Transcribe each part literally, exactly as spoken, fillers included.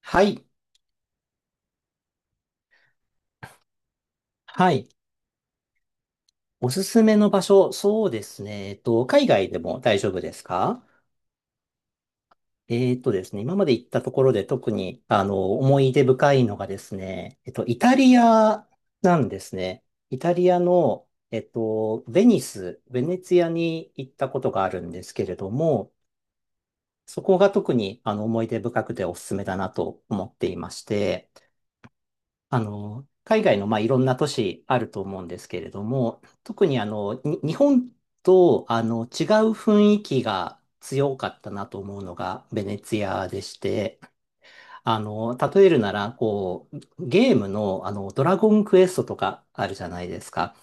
はい。はい。おすすめの場所、そうですね。えっと、海外でも大丈夫ですか？えっとですね、今まで行ったところで特に、あの、思い出深いのがですね、えっと、イタリアなんですね。イタリアの、えっと、ベニス、ベネツィアに行ったことがあるんですけれども、そこが特に、あの、思い出深くておすすめだなと思っていまして、あの、海外の、まあ、いろんな都市あると思うんですけれども、特にあの、に日本とあの違う雰囲気が強かったなと思うのがベネツィアでして、あの、例えるなら、こう、ゲームのあの、ドラゴンクエストとかあるじゃないですか。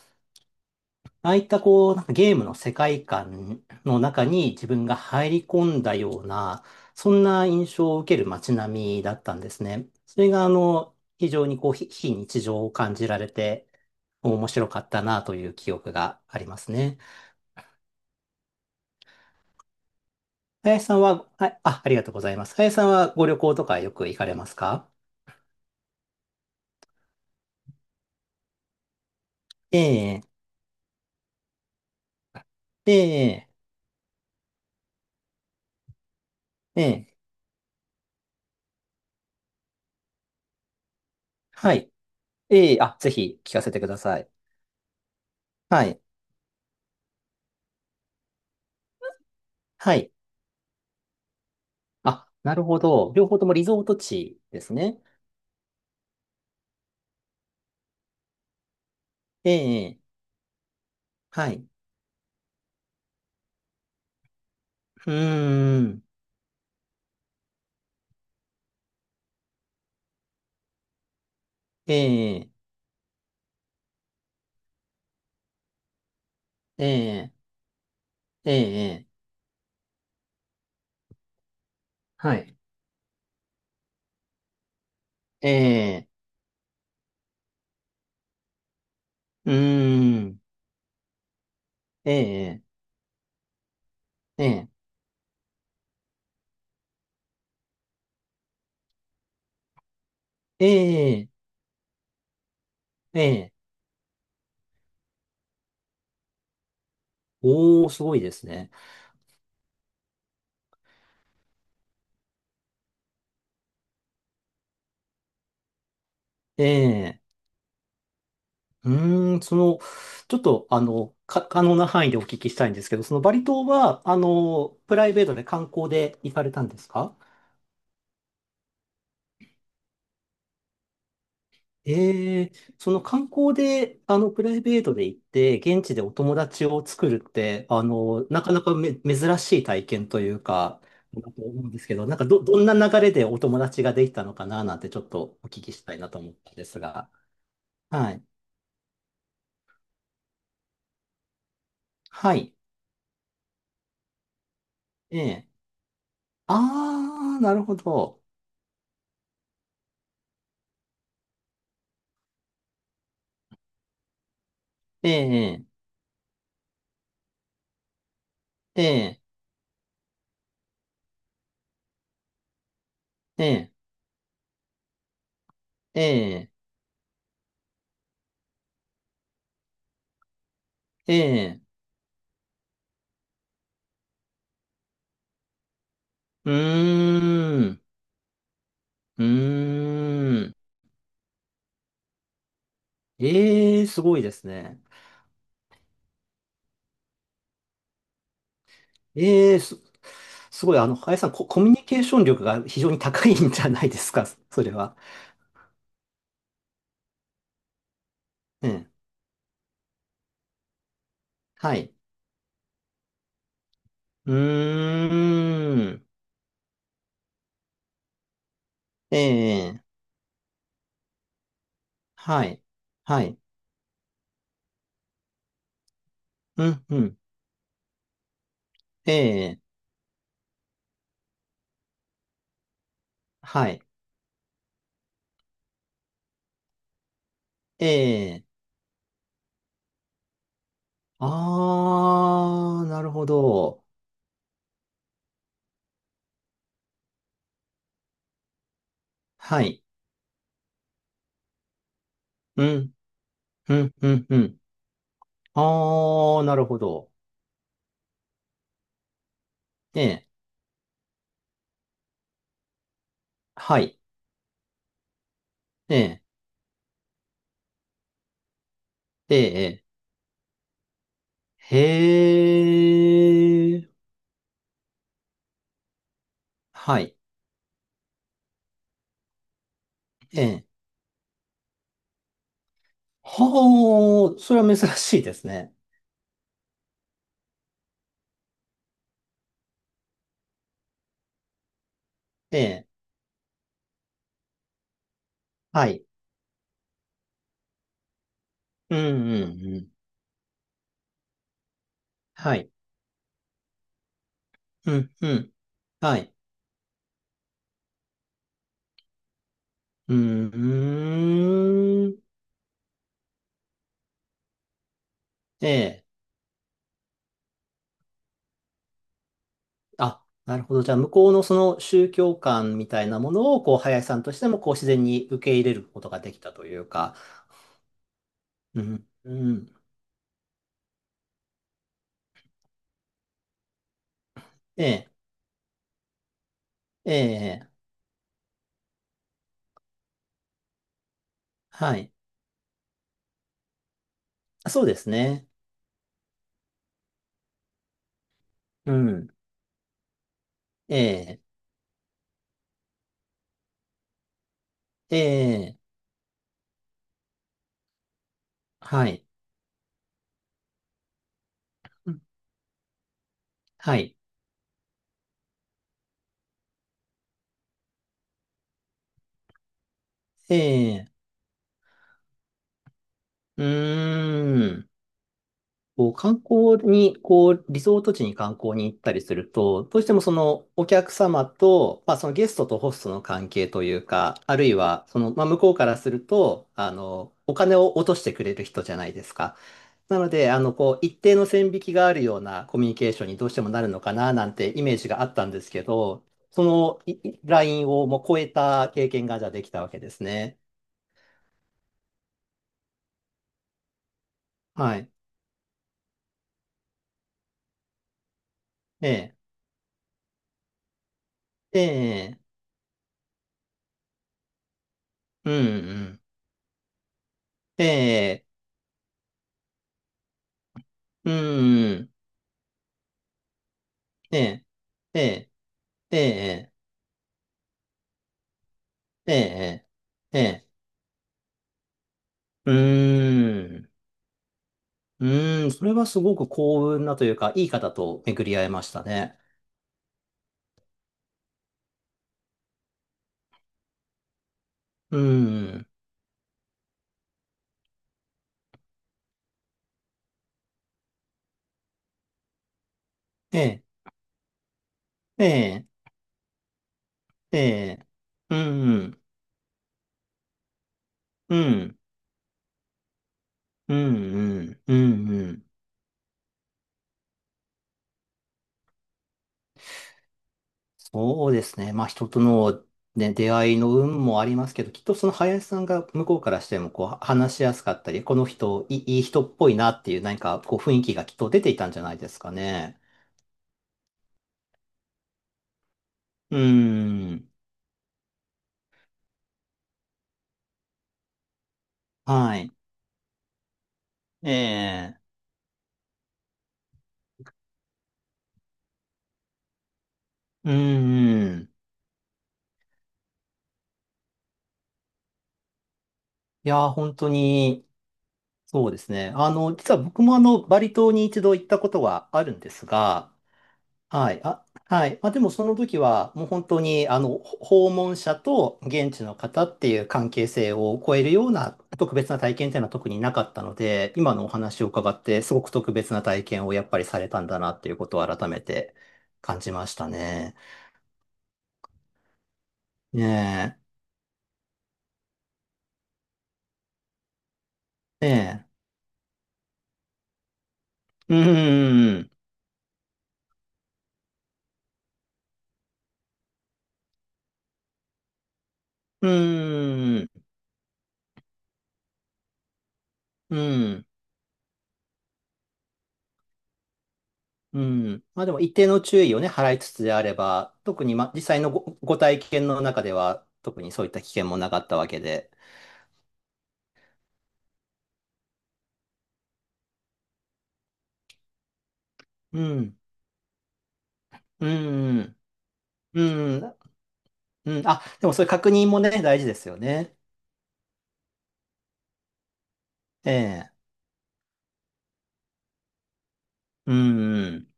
ああいったこう、なんかゲームの世界観の中に自分が入り込んだような、そんな印象を受ける街並みだったんですね。それがあの、非常にこう、非非日常を感じられて、面白かったなという記憶がありますね。林さんは、あ、あ、ありがとうございます。林さんはご旅行とかよく行かれますか？ええ、ええ、ええ、はい。ええ、あ、ぜひ聞かせてください。はい。はい。あ、なるほど。両方ともリゾート地ですね。ええ、はい。うーん、ええ、ええ、ええ、はい。ええ、うーん、ええ、ええ、ええ、ええ、おー、すごいですね。ええ、うーん、その、ちょっと、あの、か、可能な範囲でお聞きしたいんですけど、そのバリ島は、あの、プライベートで観光で行かれたんですか？ええ、その観光で、あの、プライベートで行って、現地でお友達を作るって、あの、なかなかめ、珍しい体験というか、だと思うんですけど、なんかど、どんな流れでお友達ができたのかな、なんてちょっとお聞きしたいなと思ったんですが。はい。はい。ええ。ああ、なるほど。ええ、ええ、ええ、ええ、ええ、うーん、うーん。ええ、すごいですね。ええす、すごい、あの、林さん、コ、コミュニケーション力が非常に高いんじゃないですか、それは。ええ、はい。うーん。ええ、はい。はい。うん、うん。ええ、はい。ええ、あー、なるほど。はい。うん、うん、うん、うん。あー、なるほど。ええ、はい。ええ、ええ、へー。はい。ええ、ほう、それは珍しいですね。ええ、はい。うん、うん、うん。はい。うん、うん。はい。うーん。ええ。あ、なるほど。じゃあ、向こうのその宗教観みたいなものを、こう、林さんとしても、こう、自然に受け入れることができたというか。うん、うん。ええ、ええ、はい。あ、そうですね。うん。ええ、ええ、はい。うん、はい。ええ、うーん。こう観光に、こう、リゾート地に観光に行ったりすると、どうしてもそのお客様と、まあそのゲストとホストの関係というか、あるいはその、まあ向こうからすると、あの、お金を落としてくれる人じゃないですか。なので、あの、こう、一定の線引きがあるようなコミュニケーションにどうしてもなるのかな、なんてイメージがあったんですけど、そのいいラインをもう超えた経験がじゃあできたわけですね。はい。ええ、ええ、うん、うん。ええ、うん、うん。ええ、ええ、ええ、ええ、ええ、うーん。うーん、それはすごく幸運なというか、いい方と巡り合えましたね。うーん、ええ、ええ、ええ、うん、うん、うん、うん、うん、うん。そうですね。まあ、人との、ね、出会いの運もありますけど、きっとその林さんが向こうからしても、こう、話しやすかったり、この人、いい、い人っぽいなっていう、何か、こう、雰囲気がきっと出ていたんじゃないですかね。うーん。はい。ええ。うん、うん。いやー、本当に、そうですね。あの、実は僕もあの、バリ島に一度行ったことはあるんですが、はい。あ、はい。まあ、でもその時は、もう本当に、あの、ほ訪問者と現地の方っていう関係性を超えるような特別な体験っていうのは特になかったので、今のお話を伺って、すごく特別な体験をやっぱりされたんだなっていうことを改めて感じましたね。ねえ。ええ。うん、うん、うん。うーん、うん、うん。まあでも一定の注意をね、払いつつであれば、特に、ま、実際のご、ご体験の中では、特にそういった危険もなかったわけで。うん、うん、うん、うん。あ、でもそれ確認もね、大事ですよね。ええ、うん、うん、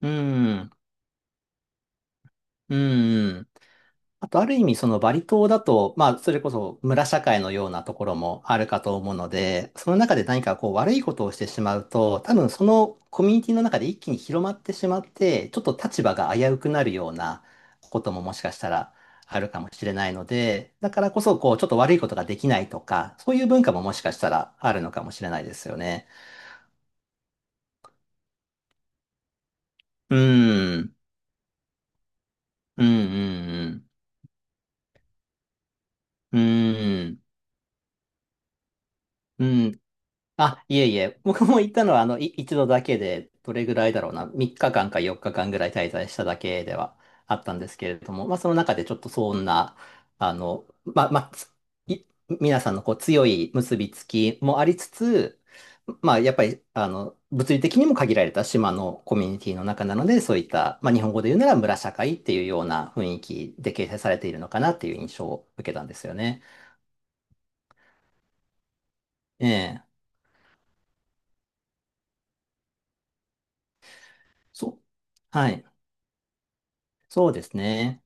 うん、うん。あと、ある意味、そのバリ島だと、まあ、それこそ村社会のようなところもあるかと思うので、その中で何かこう悪いことをしてしまうと、多分そのコミュニティの中で一気に広まってしまって、ちょっと立場が危うくなるようなことももしかしたらあるかもしれないので、だからこそ、こう、ちょっと悪いことができないとか、そういう文化ももしかしたらあるのかもしれないですよね。うーん、うん、うん、うん、うーん。うん。あ、いえいえ、僕も行ったのは、あの、い一度だけで、どれぐらいだろうな、みっかかんかよっかかんぐらい滞在しただけではあったんですけれども、まあ、その中でちょっとそんな、あの、まあ、まあ、つい皆さんのこう強い結びつきもありつつ、まあ、やっぱり、あの、物理的にも限られた島のコミュニティの中なので、そういった、まあ、日本語で言うなら村社会っていうような雰囲気で形成されているのかなっていう印象を受けたんですよね。ええ。そう。はい。そうですね。